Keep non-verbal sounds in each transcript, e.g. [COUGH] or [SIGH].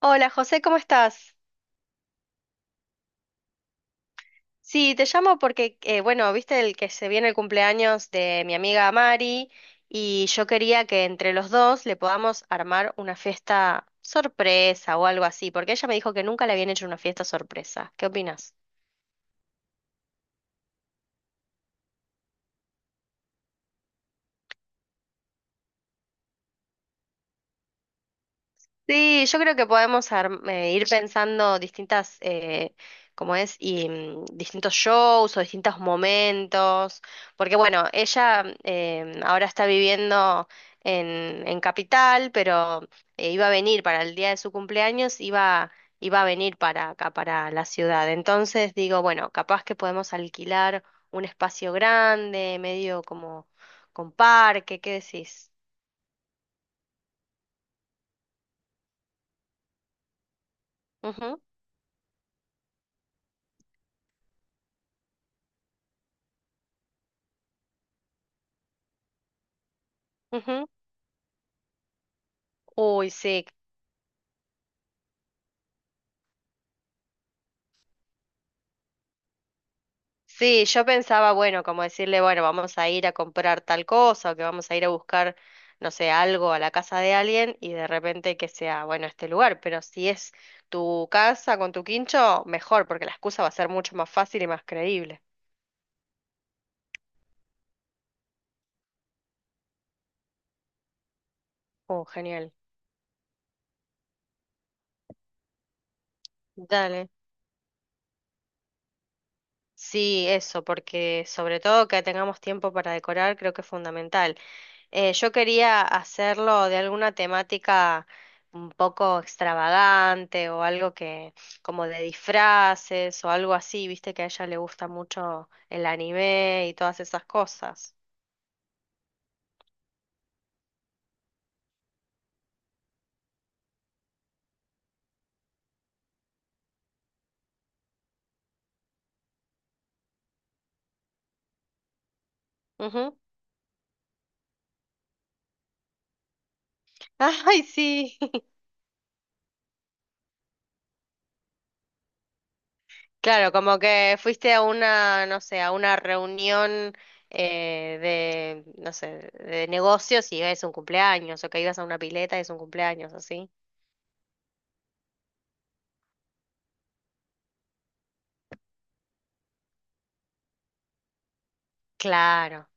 Hola José, ¿cómo estás? Sí, te llamo porque, bueno, viste el que se viene el cumpleaños de mi amiga Mari y yo quería que entre los dos le podamos armar una fiesta sorpresa o algo así, porque ella me dijo que nunca le habían hecho una fiesta sorpresa. ¿Qué opinas? Sí, yo creo que ir pensando distintas, como es, y distintos shows o distintos momentos, porque bueno, ella ahora está viviendo en Capital, pero iba a venir para el día de su cumpleaños, iba a venir para acá, para la ciudad. Entonces digo, bueno, capaz que podemos alquilar un espacio grande, medio como con parque, ¿qué decís? Ujú, ujú. Uy, sí. Sí, yo pensaba, bueno, como decirle, bueno, vamos a ir a comprar tal cosa o que vamos a ir a buscar, no sé, algo a la casa de alguien y de repente que sea, bueno, este lugar, pero si es tu casa con tu quincho, mejor, porque la excusa va a ser mucho más fácil y más creíble. Oh, genial. Dale. Sí, eso, porque sobre todo que tengamos tiempo para decorar creo que es fundamental. Yo quería hacerlo de alguna temática un poco extravagante o algo que como de disfraces o algo así, viste que a ella le gusta mucho el anime y todas esas cosas. Ujú. Ay, sí. [LAUGHS] Claro, como que fuiste a una, no sé, a una reunión de no sé, de negocios y es un cumpleaños o que ibas a una pileta y es un cumpleaños, así. Claro.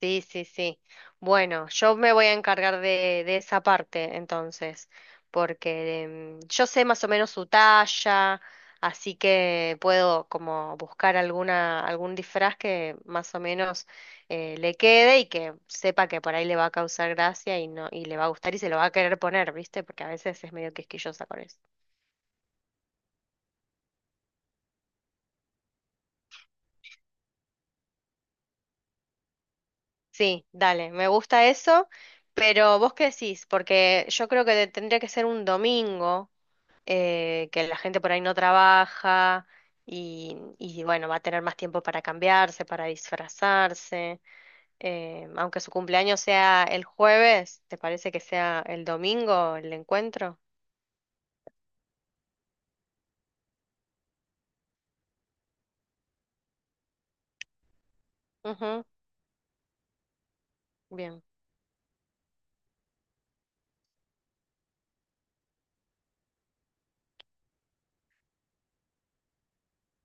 Sí, sí, sí. Bueno, yo me voy a encargar de esa parte entonces, porque yo sé más o menos su talla, así que puedo como buscar alguna, algún disfraz que más o menos le quede y que sepa que por ahí le va a causar gracia y no, y le va a gustar y se lo va a querer poner, ¿viste? Porque a veces es medio quisquillosa con eso. Sí, dale, me gusta eso, pero ¿vos qué decís? Porque yo creo que tendría que ser un domingo. Que la gente por ahí no trabaja y bueno, va a tener más tiempo para cambiarse, para disfrazarse. Aunque su cumpleaños sea el jueves, ¿te parece que sea el domingo el encuentro? Ujú, bien.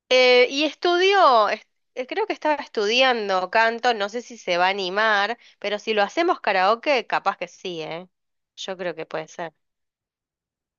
Eh, y estudió, est- Creo que estaba estudiando canto, no sé si se va a animar, pero si lo hacemos karaoke, capaz que sí, ¿eh? Yo creo que puede ser.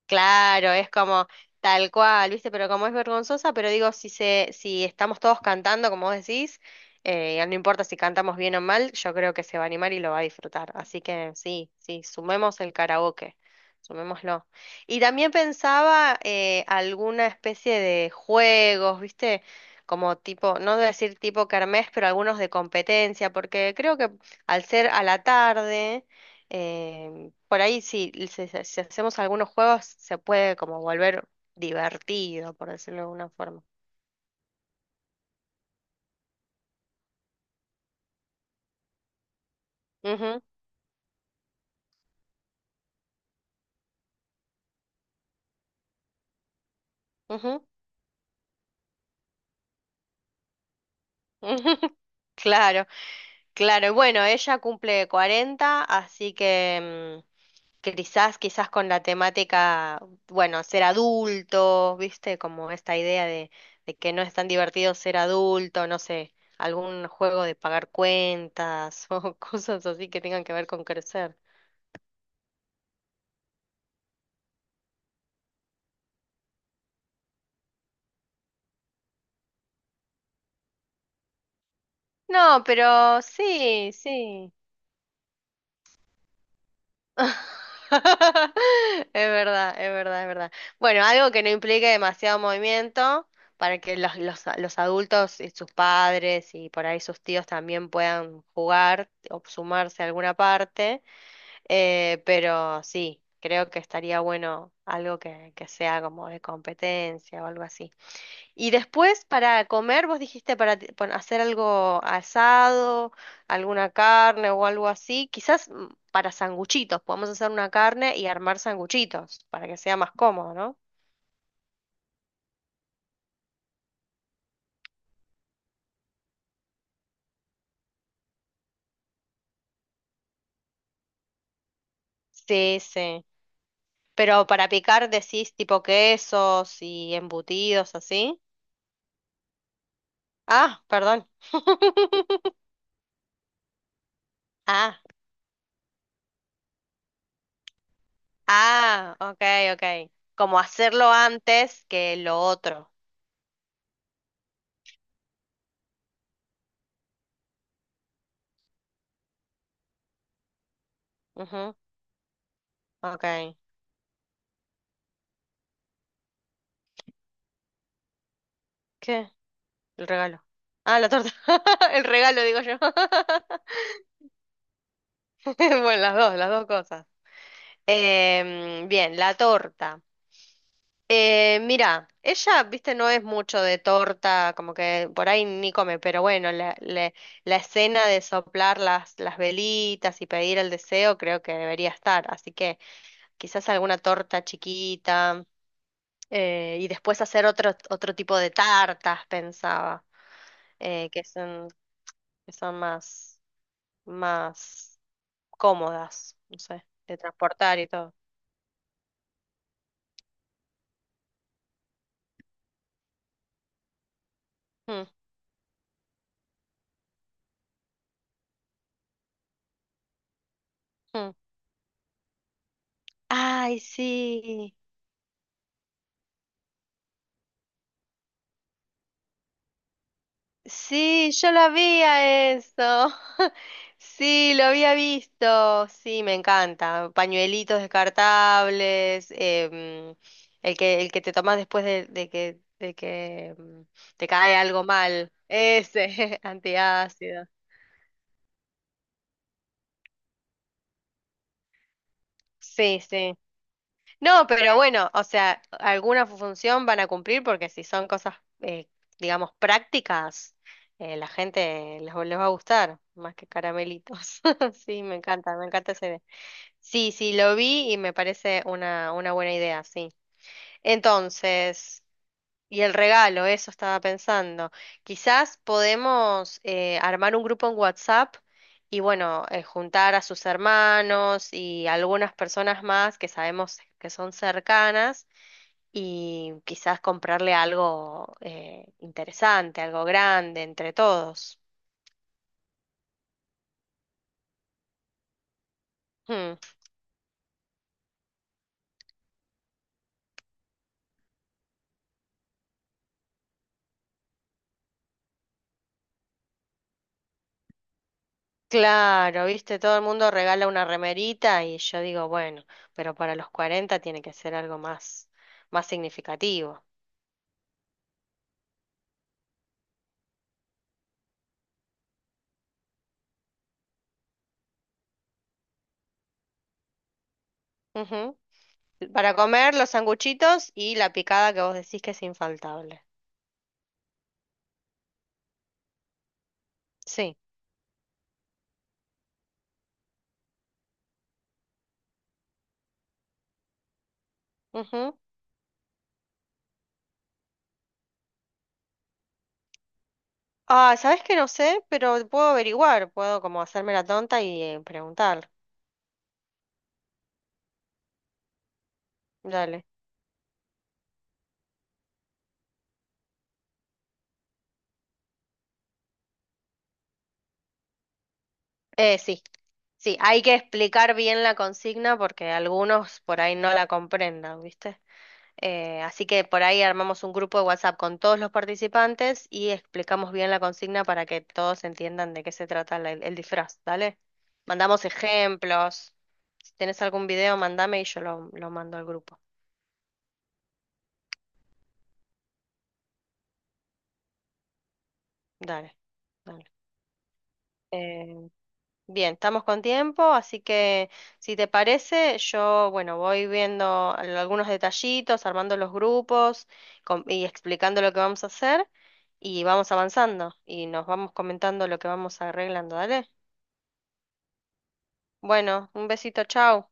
Claro, es como tal cual, ¿viste? Pero como es vergonzosa, pero digo, si estamos todos cantando, como vos decís, no importa si cantamos bien o mal, yo creo que se va a animar y lo va a disfrutar. Así que sí, sí, sumemos el karaoke, sumémoslo. Y también pensaba alguna especie de juegos, ¿viste? Como tipo, no decir tipo kermés, pero algunos de competencia, porque creo que al ser a la tarde. Por ahí sí, si hacemos algunos juegos se puede como volver divertido, por decirlo de alguna forma. Ujú, ujú, ujú. [LAUGHS] Claro, claro. Y bueno, ella cumple 40, así que quizás, quizás con la temática, bueno, ser adulto, ¿viste? Como esta idea de que no es tan divertido ser adulto, no sé, algún juego de pagar cuentas [LAUGHS] o cosas así que tengan que ver con crecer. No, pero sí, sí. [LAUGHS] Es verdad, es verdad, es verdad. Bueno, algo que no implique demasiado movimiento para que los adultos y sus padres y por ahí sus tíos también puedan jugar o sumarse a alguna parte. Pero sí, creo que estaría bueno algo que sea como de competencia o algo así. Y después para comer, vos dijiste hacer algo asado, alguna carne o algo así, quizás para sanguchitos, podemos hacer una carne y armar sanguchitos para que sea más cómodo, ¿no? Sí, sí. Pero para picar decís tipo quesos y embutidos así. Ah, perdón. [LAUGHS] Ah, ah, ok, ok. Como hacerlo antes que lo otro. Ujú, ok. ¿Qué? El regalo. Ah, la torta. [LAUGHS] El regalo, digo yo. [LAUGHS] Bueno, las dos cosas. Em, bien, la torta. Mira, ella, viste, no es mucho de torta, como que por ahí ni come, pero bueno, la escena de soplar las velitas y pedir el deseo creo que debería estar, así que quizás alguna torta chiquita y después hacer otro, otro tipo de tartas, pensaba, eh, que son, que son más... más cómodas, no sé, de transportar y todo. Mm, mm. Ay, sí, sí, yo la había eso. [LAUGHS] Sí, lo había visto. Sí, me encanta. Pañuelitos descartables, el que te tomas después de que te cae algo mal. Ese, [LAUGHS] antiácido. Sí, sí. No, pero bueno, o sea, función van a cumplir porque si son cosas, eh, digamos, prácticas, la gente les va a gustar, más que caramelitos. [LAUGHS] Sí, me encanta esa idea. Sí, sí, lo vi y me parece una buena idea, sí. Entonces... Y el regalo, eso estaba pensando. Quizás podemos armar un grupo en WhatsApp y bueno, juntar a sus hermanos y algunas personas más que sabemos que son cercanas y quizás comprarle algo interesante, algo grande entre todos. Hmm, claro, viste, todo el mundo regala una remerita y yo digo, bueno, pero para los 40 tiene que ser algo más, más significativo. Ujú. Para comer los sanguchitos y la picada que vos decís que es infaltable. Sí. Ujú. Ah, ¿sabés que no sé? Pero puedo averiguar, puedo como hacerme la tonta y preguntar. Dale. Sí, sí, hay que explicar bien la consigna porque algunos por ahí no la comprendan, ¿viste? Así que por ahí armamos un grupo de WhatsApp con todos los participantes y explicamos bien la consigna para que todos entiendan de qué se trata el disfraz, ¿dale? Mandamos ejemplos. Si tenés algún video, mandame y yo lo mando al grupo. Dale, dale. Bien, estamos con tiempo, así que si te parece, yo, bueno, voy viendo algunos detallitos, armando los grupos y explicando lo que vamos a hacer y vamos avanzando y nos vamos comentando lo que vamos arreglando, ¿dale? Bueno, un besito, chao.